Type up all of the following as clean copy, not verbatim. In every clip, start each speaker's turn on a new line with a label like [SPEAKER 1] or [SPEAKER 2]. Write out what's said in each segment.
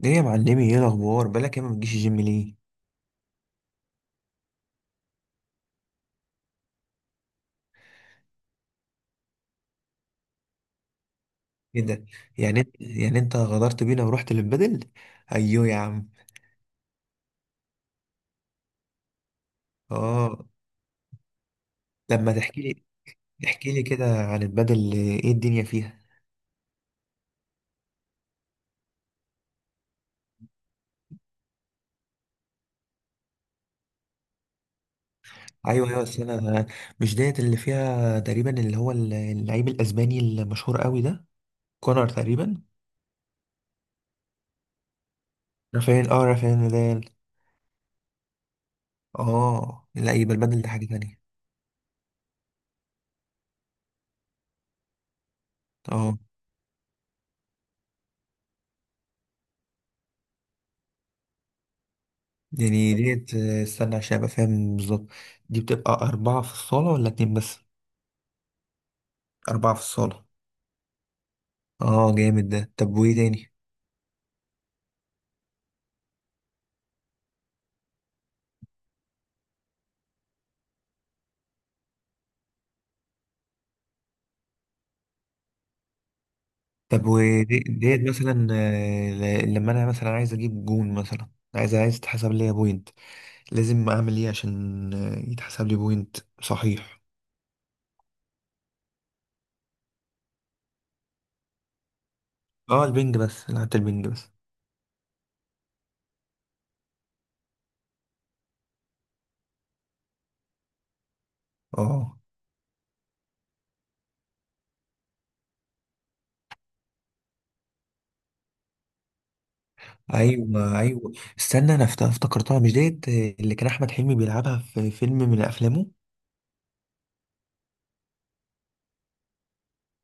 [SPEAKER 1] ليه يا معلمي؟ ايه الاخبار؟ بالك يا ما بتجيش الجيم ليه؟ ايه ده؟ يعني انت غدرت بينا ورحت للبدل. ايوه يا عم. اه. لما تحكي لي، احكي لي كده عن البدل، ايه الدنيا فيها. ايوه ايوه، بس انا مش ديت اللي فيها تقريبا، اللي هو اللعيب الاسباني المشهور قوي ده، كونر تقريبا. رافائيل، اه، رافائيل نادال. اه لا، يبقى البدل ده حاجه تانية. اه يعني ديت، استنى عشان ابقى فاهم بالظبط. دي بتبقى اربعه في الصاله ولا اتنين بس؟ اربعه في الصاله. اه جامد ده، طب وايه تاني؟ طب وديت مثلا، لما انا مثلا عايز اجيب جون مثلا، عايز تحسب لي بوينت، لازم اعمل ايه عشان يتحسب لي بوينت؟ صحيح. اه البنج، بس لعبة البنج بس. اه ايوه ايوه، استنى انا افتكرتها، مش ديت اللي كان احمد حلمي بيلعبها في فيلم من افلامه؟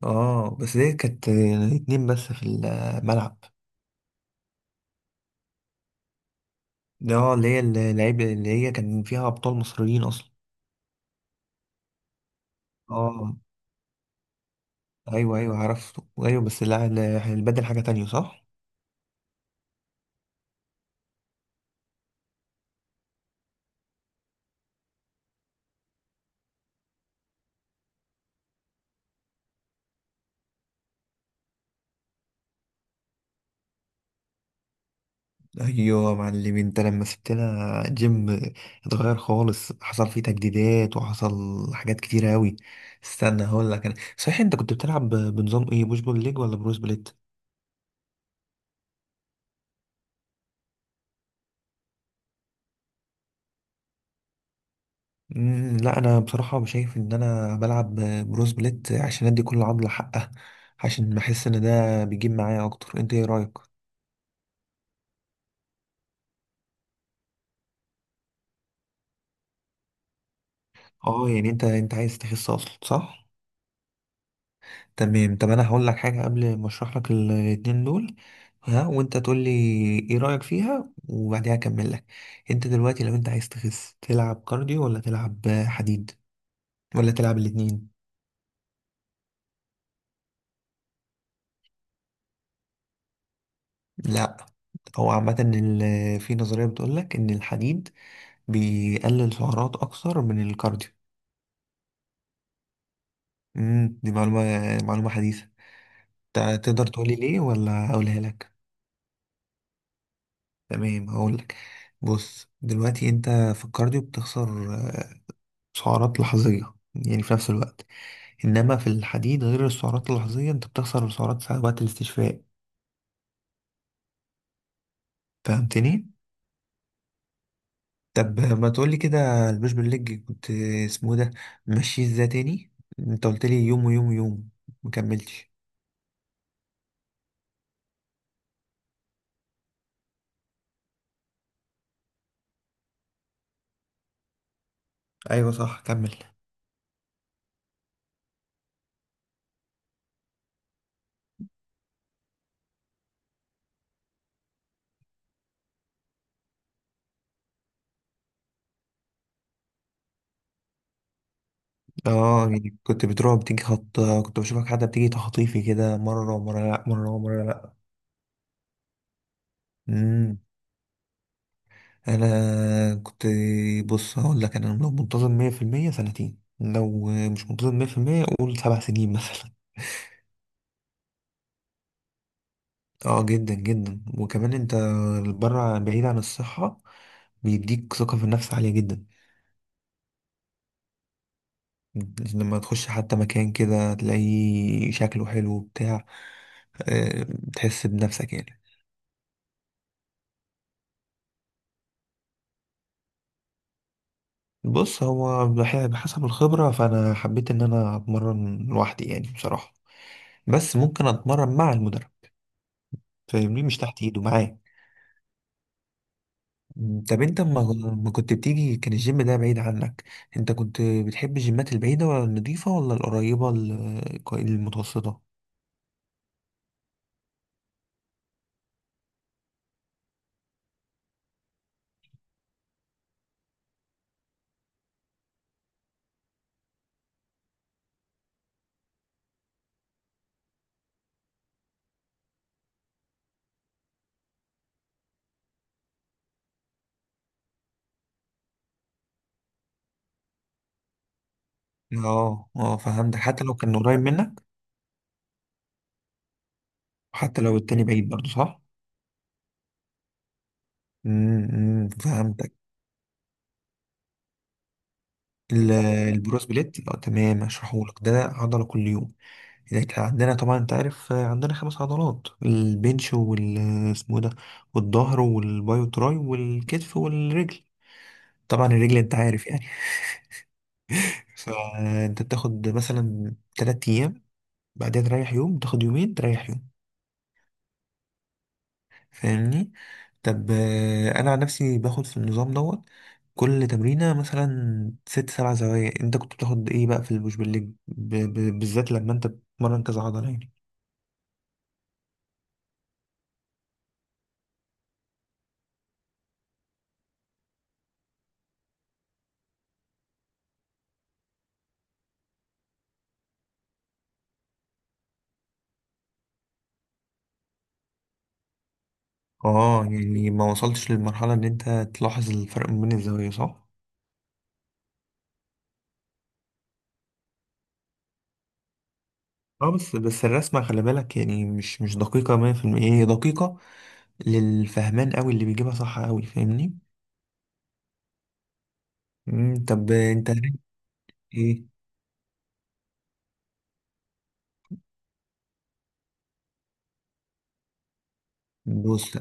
[SPEAKER 1] اه بس ديت كانت اتنين بس في الملعب. اه اللي هي اللعيبه، اللي هي كان فيها ابطال مصريين اصلا. اه ايوه ايوه عرفته، ايوه، بس لا لا، احنا بنبدل حاجه تانية صح. ايوه يا معلم، انت لما سبتنا جيم اتغير خالص، حصل فيه تجديدات وحصل حاجات كتيره قوي. استنى هقول لك، انا صحيح، انت كنت بتلعب بنظام ايه، بوش بول ليج ولا بروس بليت؟ مم، لا انا بصراحه شايف ان انا بلعب بروس بليت عشان ادي كل عضله حقها، عشان بحس ان ده بيجيب معايا اكتر، انت ايه رايك؟ اه يعني انت عايز تخس اصلا صح. تمام، طب انا هقول لك حاجه قبل ما اشرح لك الاتنين دول، ها، وانت تقول لي ايه رايك فيها، وبعديها اكمل لك. انت دلوقتي لو انت عايز تخس، تلعب كارديو ولا تلعب حديد ولا تلعب الاتنين؟ لا، هو عامه في نظريه بتقول لك ان الحديد بيقلل سعرات اكثر من الكارديو. دي معلومه، معلومه حديثه. تقدر تقول لي ليه ولا اقولها لك؟ تمام هقول لك. بص دلوقتي انت في الكارديو بتخسر سعرات لحظية، يعني في نفس الوقت، إنما في الحديد غير السعرات اللحظية أنت بتخسر السعرات ساعة وقت الاستشفاء. فهمتني؟ طب ما تقولي كده، البوش بالليج كنت، اسمه إيه ده، ماشي ازاي تاني؟ أنت قلت لي يوم ويوم ويوم، مكملتش. أيوة صح، كمل. اه يعني كنت بتروح بتيجي خط، كنت بشوفك حد بتيجي تخطيفي كده، مرة ومرة لأ، مرة ومرة لأ. مم. انا كنت، بص هقول لك، انا لو منتظم 100% سنتين، لو مش منتظم 100% قول سبع سنين مثلا. اه جدا جدا، وكمان انت بره بعيد عن الصحة، بيديك ثقة في النفس عالية جدا، لما تخش حتى مكان كده تلاقيه شكله حلو بتاع، آه، تحس بنفسك يعني. بص، هو بحسب الخبرة، فأنا حبيت إن أنا أتمرن لوحدي يعني، بصراحة، بس ممكن أتمرن مع المدرب، فاهمني، مش تحت إيده معاه. مم، طب انت ما كنت بتيجي، كان الجيم ده بعيد عنك؟ انت كنت بتحب الجيمات البعيدة ولا النضيفة ولا القريبة المتوسطة؟ اه اه فهمتك، حتى لو كان قريب منك، وحتى لو التاني بعيد برضه صح. امم، أمم، فهمتك. ال- البروس بليت، اه تمام هشرحهولك. ده عضلة كل يوم، اذا كان عندنا، طبعا انت عارف، عندنا خمس عضلات، البنش وال، اسمه إيه ده، والظهر والباي والتراي والكتف والرجل، طبعا الرجل انت عارف يعني. فانت بتاخد مثلا تلات ايام، بعدها تريح يوم، تاخد يومين تريح يوم، فاهمني. طب انا عن نفسي باخد في النظام دوت كل تمرينة مثلا ست سبع زوايا، انت كنت بتاخد ايه بقى في البوش بالليج بالذات لما انت بتتمرن كذا عضلة يعني؟ اه يعني ما وصلتش للمرحلة ان انت تلاحظ الفرق ما بين الزوايا صح؟ اه بس بس الرسمة خلي بالك، يعني مش دقيقة 100%، هي دقيقة للفهمان قوي اللي بيجيبها صح قوي، فاهمني؟ مم، طب انت ايه؟ بص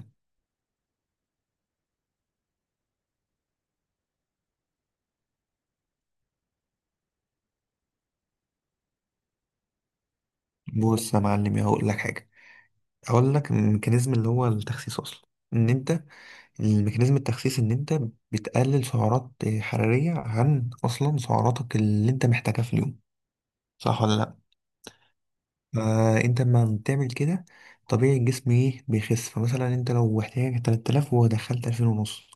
[SPEAKER 1] بص يا معلم، ايه، هقول لك حاجه. هقول لك الميكانيزم اللي هو التخسيس اصلا، ان انت ان انت بتقلل سعرات حراريه عن اصلا سعراتك اللي انت محتاجها في اليوم، صح ولا لا؟ فانت لما بتعمل كده، طبيعي الجسم ايه، بيخس. فمثلا انت لو احتاجك 3000 ودخلت 2000 ونص،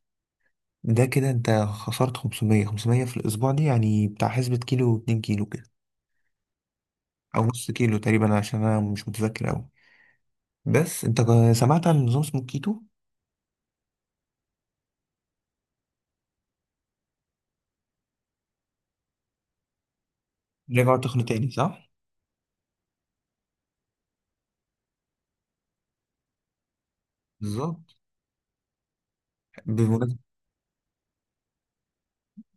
[SPEAKER 1] ده كده انت خسرت 500 500 في الاسبوع، دي يعني بتاع حسبة كيلو، 2 كيلو كده او نص كيلو تقريبا، عشان انا مش متذكر اوي. بس انت سمعت عن نظام اسمه كيتو؟ رجعوا تخنوا تاني صح؟ بالظبط. بمناسبة،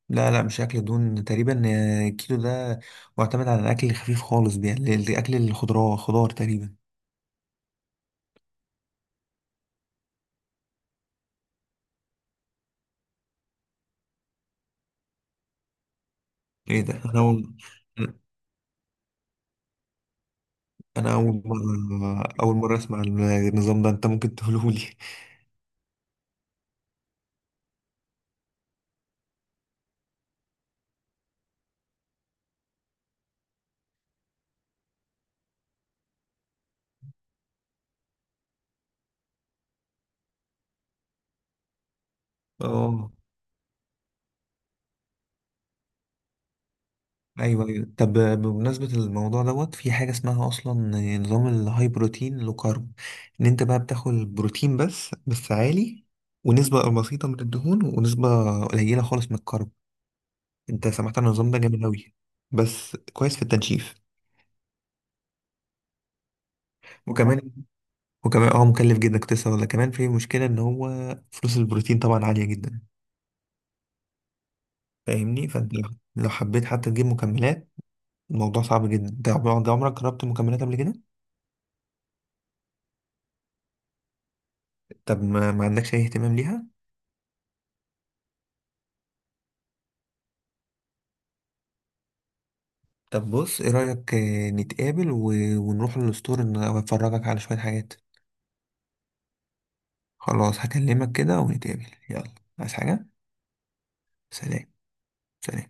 [SPEAKER 1] لا لا، مش أكل دهون تقريبا، الكيتو ده معتمد على الأكل الخفيف خالص، يعني أكل الخضراء، خضار تقريبا. إيه ده، أنا أول أنا أول مرة أول مرة أسمع عن النظام ده، أنت ممكن تقوله لي؟ أه ايوه ايوه، طب بمناسبه الموضوع دوت، في حاجه اسمها اصلا نظام الهاي بروتين لو كارب، ان انت بقى بتاكل بروتين بس عالي، ونسبه بسيطه من الدهون، ونسبه قليله خالص من الكارب، انت سمعت عن النظام ده؟ جامد قوي، بس كويس في التنشيف. وكمان وكمان اه مكلف جدا، كنت لسه هقول لك كمان، في مشكله ان هو فلوس البروتين طبعا عاليه جدا، فاهمني. فانت لو حبيت حتى تجيب مكملات، الموضوع صعب جدا، انت عمرك جربت مكملات قبل كده؟ طب ما عندكش اي اهتمام ليها؟ طب بص ايه رأيك، نتقابل و، ونروح للاسطور ان افرجك على شوية حاجات. خلاص هكلمك كده ونتقابل، يلا، عايز حاجة؟ سلام. سلام.